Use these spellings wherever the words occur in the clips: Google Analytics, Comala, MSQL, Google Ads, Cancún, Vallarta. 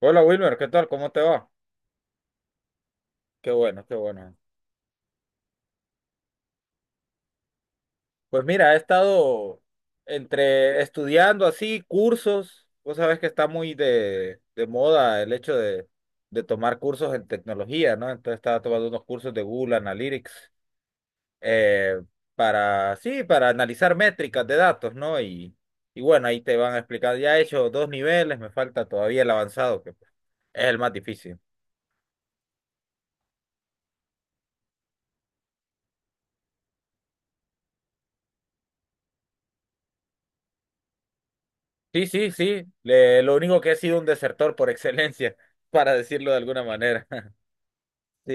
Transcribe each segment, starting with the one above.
Hola Wilmer, ¿qué tal? ¿Cómo te va? Qué bueno, qué bueno. Pues mira, he estado entre estudiando así cursos. Vos sabés que está muy de moda el hecho de tomar cursos en tecnología, ¿no? Entonces estaba tomando unos cursos de Google Analytics eh, para, sí, para analizar métricas de datos, ¿no? Y bueno, ahí te van a explicar. Ya he hecho dos niveles, me falta todavía el avanzado, que es el más difícil. Sí, sí, sí. Lo único que he sido un desertor por excelencia, para decirlo de alguna manera. Sí,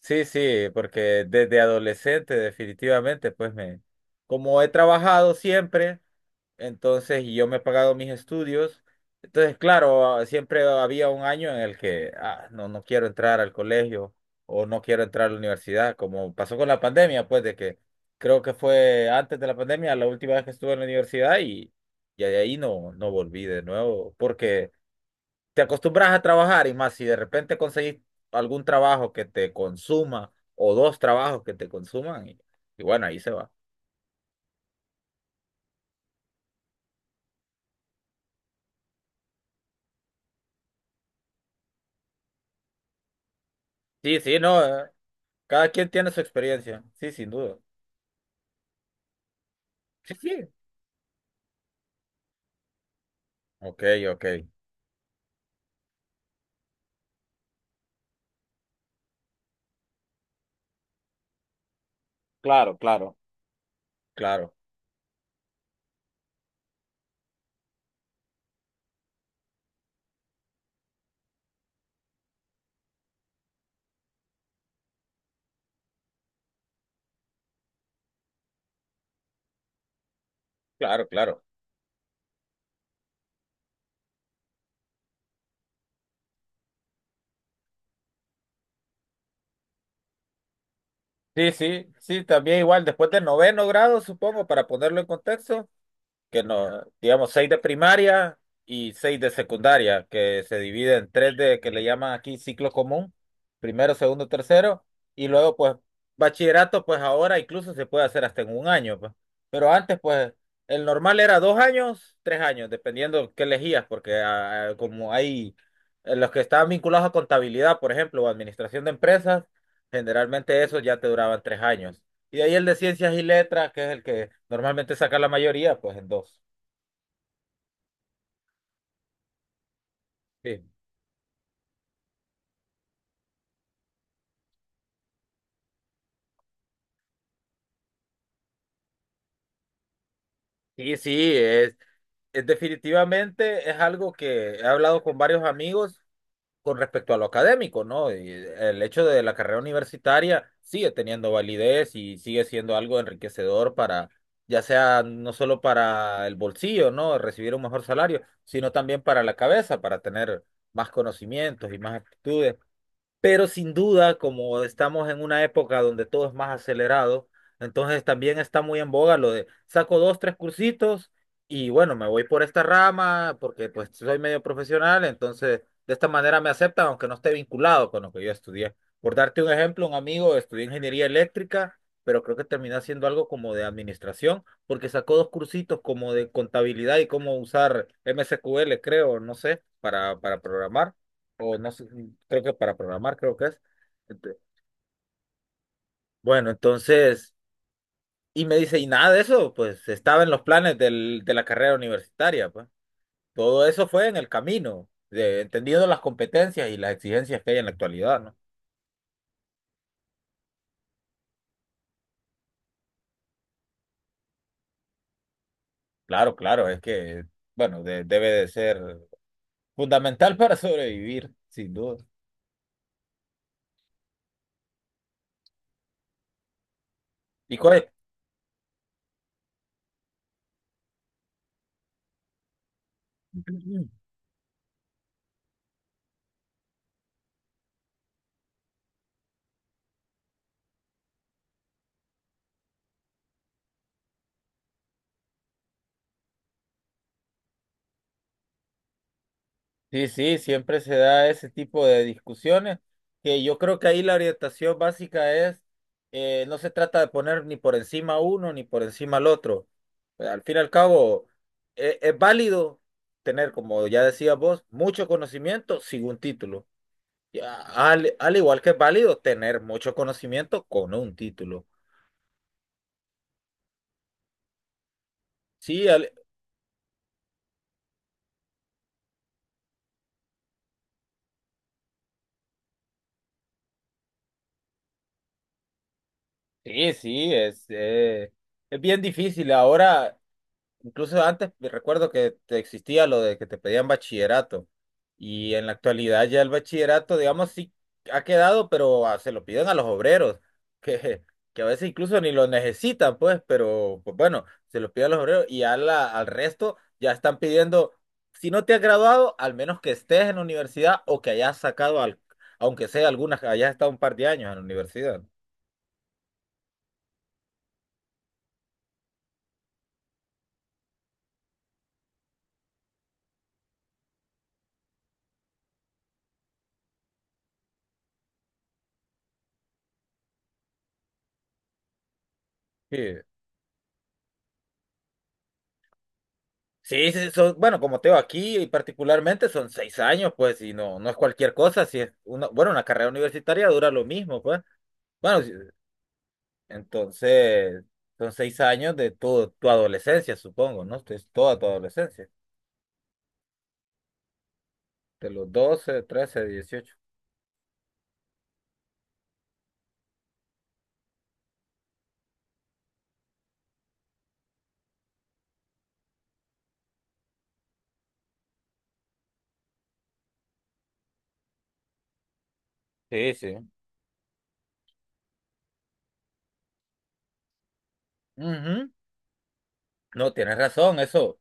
sí, sí, porque desde adolescente definitivamente, pues me, como he trabajado siempre. Entonces, y yo me he pagado mis estudios. Entonces, claro, siempre había un año en el que no, no quiero entrar al colegio o no quiero entrar a la universidad, como pasó con la pandemia, pues de que creo que fue antes de la pandemia la última vez que estuve en la universidad y de ahí no, no volví de nuevo, porque te acostumbras a trabajar y más si de repente conseguís algún trabajo que te consuma o dos trabajos que te consuman y bueno, ahí se va. Sí, sí, no. Cada quien tiene su experiencia. Sí, sin duda. Sí, sí. Ok, ok. Claro, claro. Claro, claro, claro. Sí, sí, sí, también igual, después del noveno grado, supongo, para ponerlo en contexto, que no, digamos, seis de primaria y seis de secundaria, que se divide en tres de, que le llaman aquí ciclo común, primero, segundo, tercero, y luego pues bachillerato, pues ahora incluso se puede hacer hasta en un año, pues. Pero antes pues el normal era 2 años, 3 años, dependiendo qué elegías, porque como hay los que estaban vinculados a contabilidad, por ejemplo, o administración de empresas, generalmente esos ya te duraban 3 años. Y de ahí el de ciencias y letras, que es el que normalmente saca la mayoría, pues en dos. Sí, sí, sí, es definitivamente es algo que he hablado con varios amigos con respecto a lo académico, ¿no? Y el hecho de la carrera universitaria sigue teniendo validez y sigue siendo algo enriquecedor para, ya sea no solo para el bolsillo, ¿no? Recibir un mejor salario, sino también para la cabeza, para tener más conocimientos y más aptitudes. Pero sin duda, como estamos en una época donde todo es más acelerado, entonces también está muy en boga lo de saco dos, tres cursitos y bueno, me voy por esta rama porque pues soy medio profesional, entonces de esta manera me aceptan aunque no esté vinculado con lo que yo estudié. Por darte un ejemplo, un amigo estudió ingeniería eléctrica, pero creo que terminó haciendo algo como de administración porque sacó dos cursitos como de contabilidad y cómo usar MSQL, creo, no sé, para programar o no sé, creo que para programar, creo que es. Ent- Bueno, entonces, y me dice, y nada de eso, pues estaba en los planes del, de la carrera universitaria, pues. Todo eso fue en el camino, de, entendiendo las competencias y las exigencias que hay en la actualidad, ¿no? Claro, claro, es que, bueno, debe de ser fundamental para sobrevivir, sin duda. ¿Y cuál es? Sí, sí, siempre se da ese tipo de discusiones, que yo creo que ahí la orientación básica es, no se trata de poner ni por encima a uno ni por encima al otro. Al fin y al cabo, es válido tener, como ya decías vos, mucho conocimiento sin un título. Y a- al igual que es válido tener mucho conocimiento con un título. Sí, sí, sí, es bien difícil. Ahora, incluso antes me recuerdo que existía lo de que te pedían bachillerato y en la actualidad ya el bachillerato, digamos, sí ha quedado, pero se lo piden a los obreros, que, que a veces incluso ni lo necesitan, pues, pero pues bueno, se lo piden a los obreros y al resto ya están pidiendo, si no te has graduado, al menos que estés en la universidad o que hayas sacado, aunque sea algunas, hayas estado un par de años en la universidad. Sí. Sí, sí, son, bueno, como te digo, aquí y particularmente son 6 años, pues, y no, no es cualquier cosa, si es una, bueno, una carrera universitaria dura lo mismo, pues. Bueno, entonces son 6 años de tu adolescencia, supongo, ¿no? Es toda tu adolescencia, de los 12, 13, 18. Sí, sí. Ujú. No, tienes razón, eso,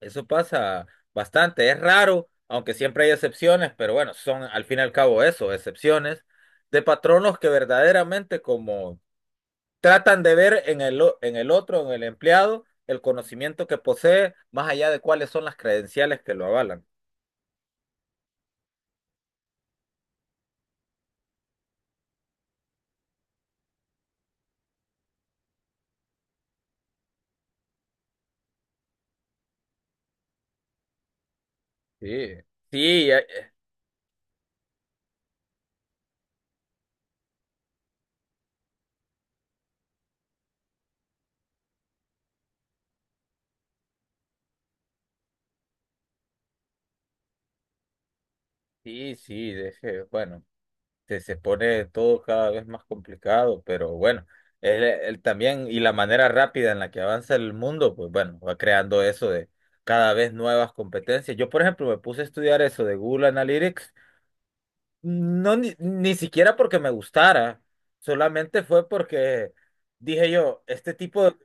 eso pasa bastante, es raro, aunque siempre hay excepciones, pero bueno, son al fin y al cabo eso, excepciones de patronos que verdaderamente como tratan de ver en el otro, en el empleado, el conocimiento que posee, más allá de cuáles son las credenciales que lo avalan. Sí, sí, sí, sí, bueno, se pone todo cada vez más complicado, pero bueno, él también, y la manera rápida en la que avanza el mundo, pues bueno, va creando eso de cada vez nuevas competencias. Yo, por ejemplo, me puse a estudiar eso de Google Analytics. No, ni siquiera porque me gustara, solamente fue porque dije yo, este tipo, de,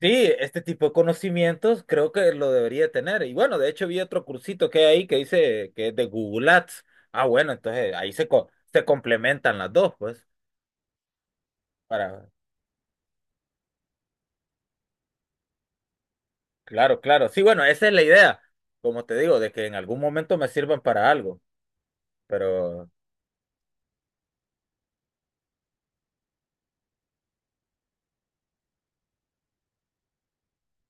sí, este tipo de conocimientos creo que lo debería tener. Y bueno, de hecho vi otro cursito que hay ahí que dice que es de Google Ads. Ah, bueno, entonces ahí se complementan las dos, pues, para, claro, claro. Sí, bueno, esa es la idea, como te digo, de que en algún momento me sirvan para algo, pero.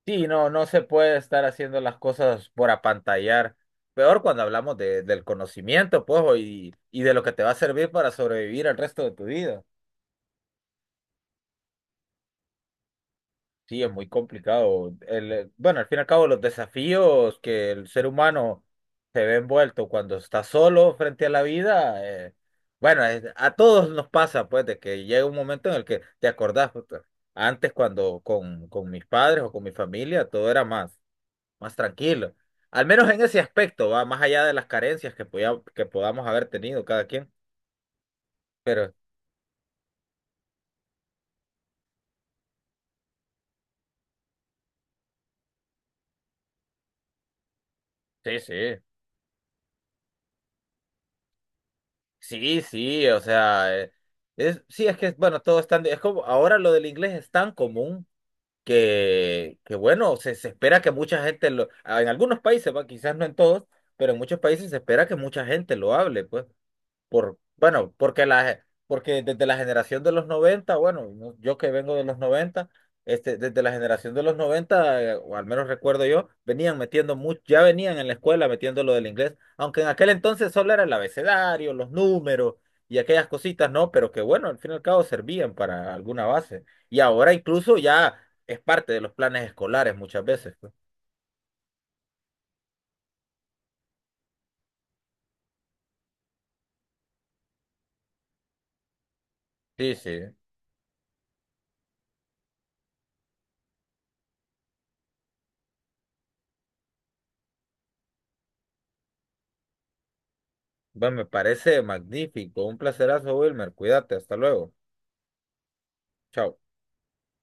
Sí, no, no se puede estar haciendo las cosas por apantallar. Peor cuando hablamos del conocimiento, pues, o y de lo que te va a servir para sobrevivir el resto de tu vida. Sí, es muy complicado. Bueno, al fin y al cabo, los desafíos que el ser humano se ve envuelto cuando está solo frente a la vida, bueno, a todos nos pasa, pues, de que llega un momento en el que te acordás, puta, antes cuando con mis padres o con mi familia, todo era más tranquilo. Al menos en ese aspecto, va más allá de las carencias que podía que podamos haber tenido cada quien. Pero sí, sí, sí, sí, o sea, es, sí, es que, bueno, todo es tan, es como, ahora lo del inglés es tan común que bueno, se espera que mucha gente lo, en algunos países, va, quizás no en todos, pero en muchos países se espera que mucha gente lo hable, pues. Bueno, porque desde la generación de los 90, bueno, yo que vengo de los 90, este, desde la generación de los noventa, o al menos recuerdo yo, venían metiendo mucho, ya venían en la escuela metiendo lo del inglés, aunque en aquel entonces solo era el abecedario, los números y aquellas cositas, ¿no? Pero que bueno, al fin y al cabo servían para alguna base. Y ahora incluso ya es parte de los planes escolares muchas veces, pues. Sí, sí. Bueno, me parece magnífico. Un placerazo, Wilmer. Cuídate, hasta luego. Chao.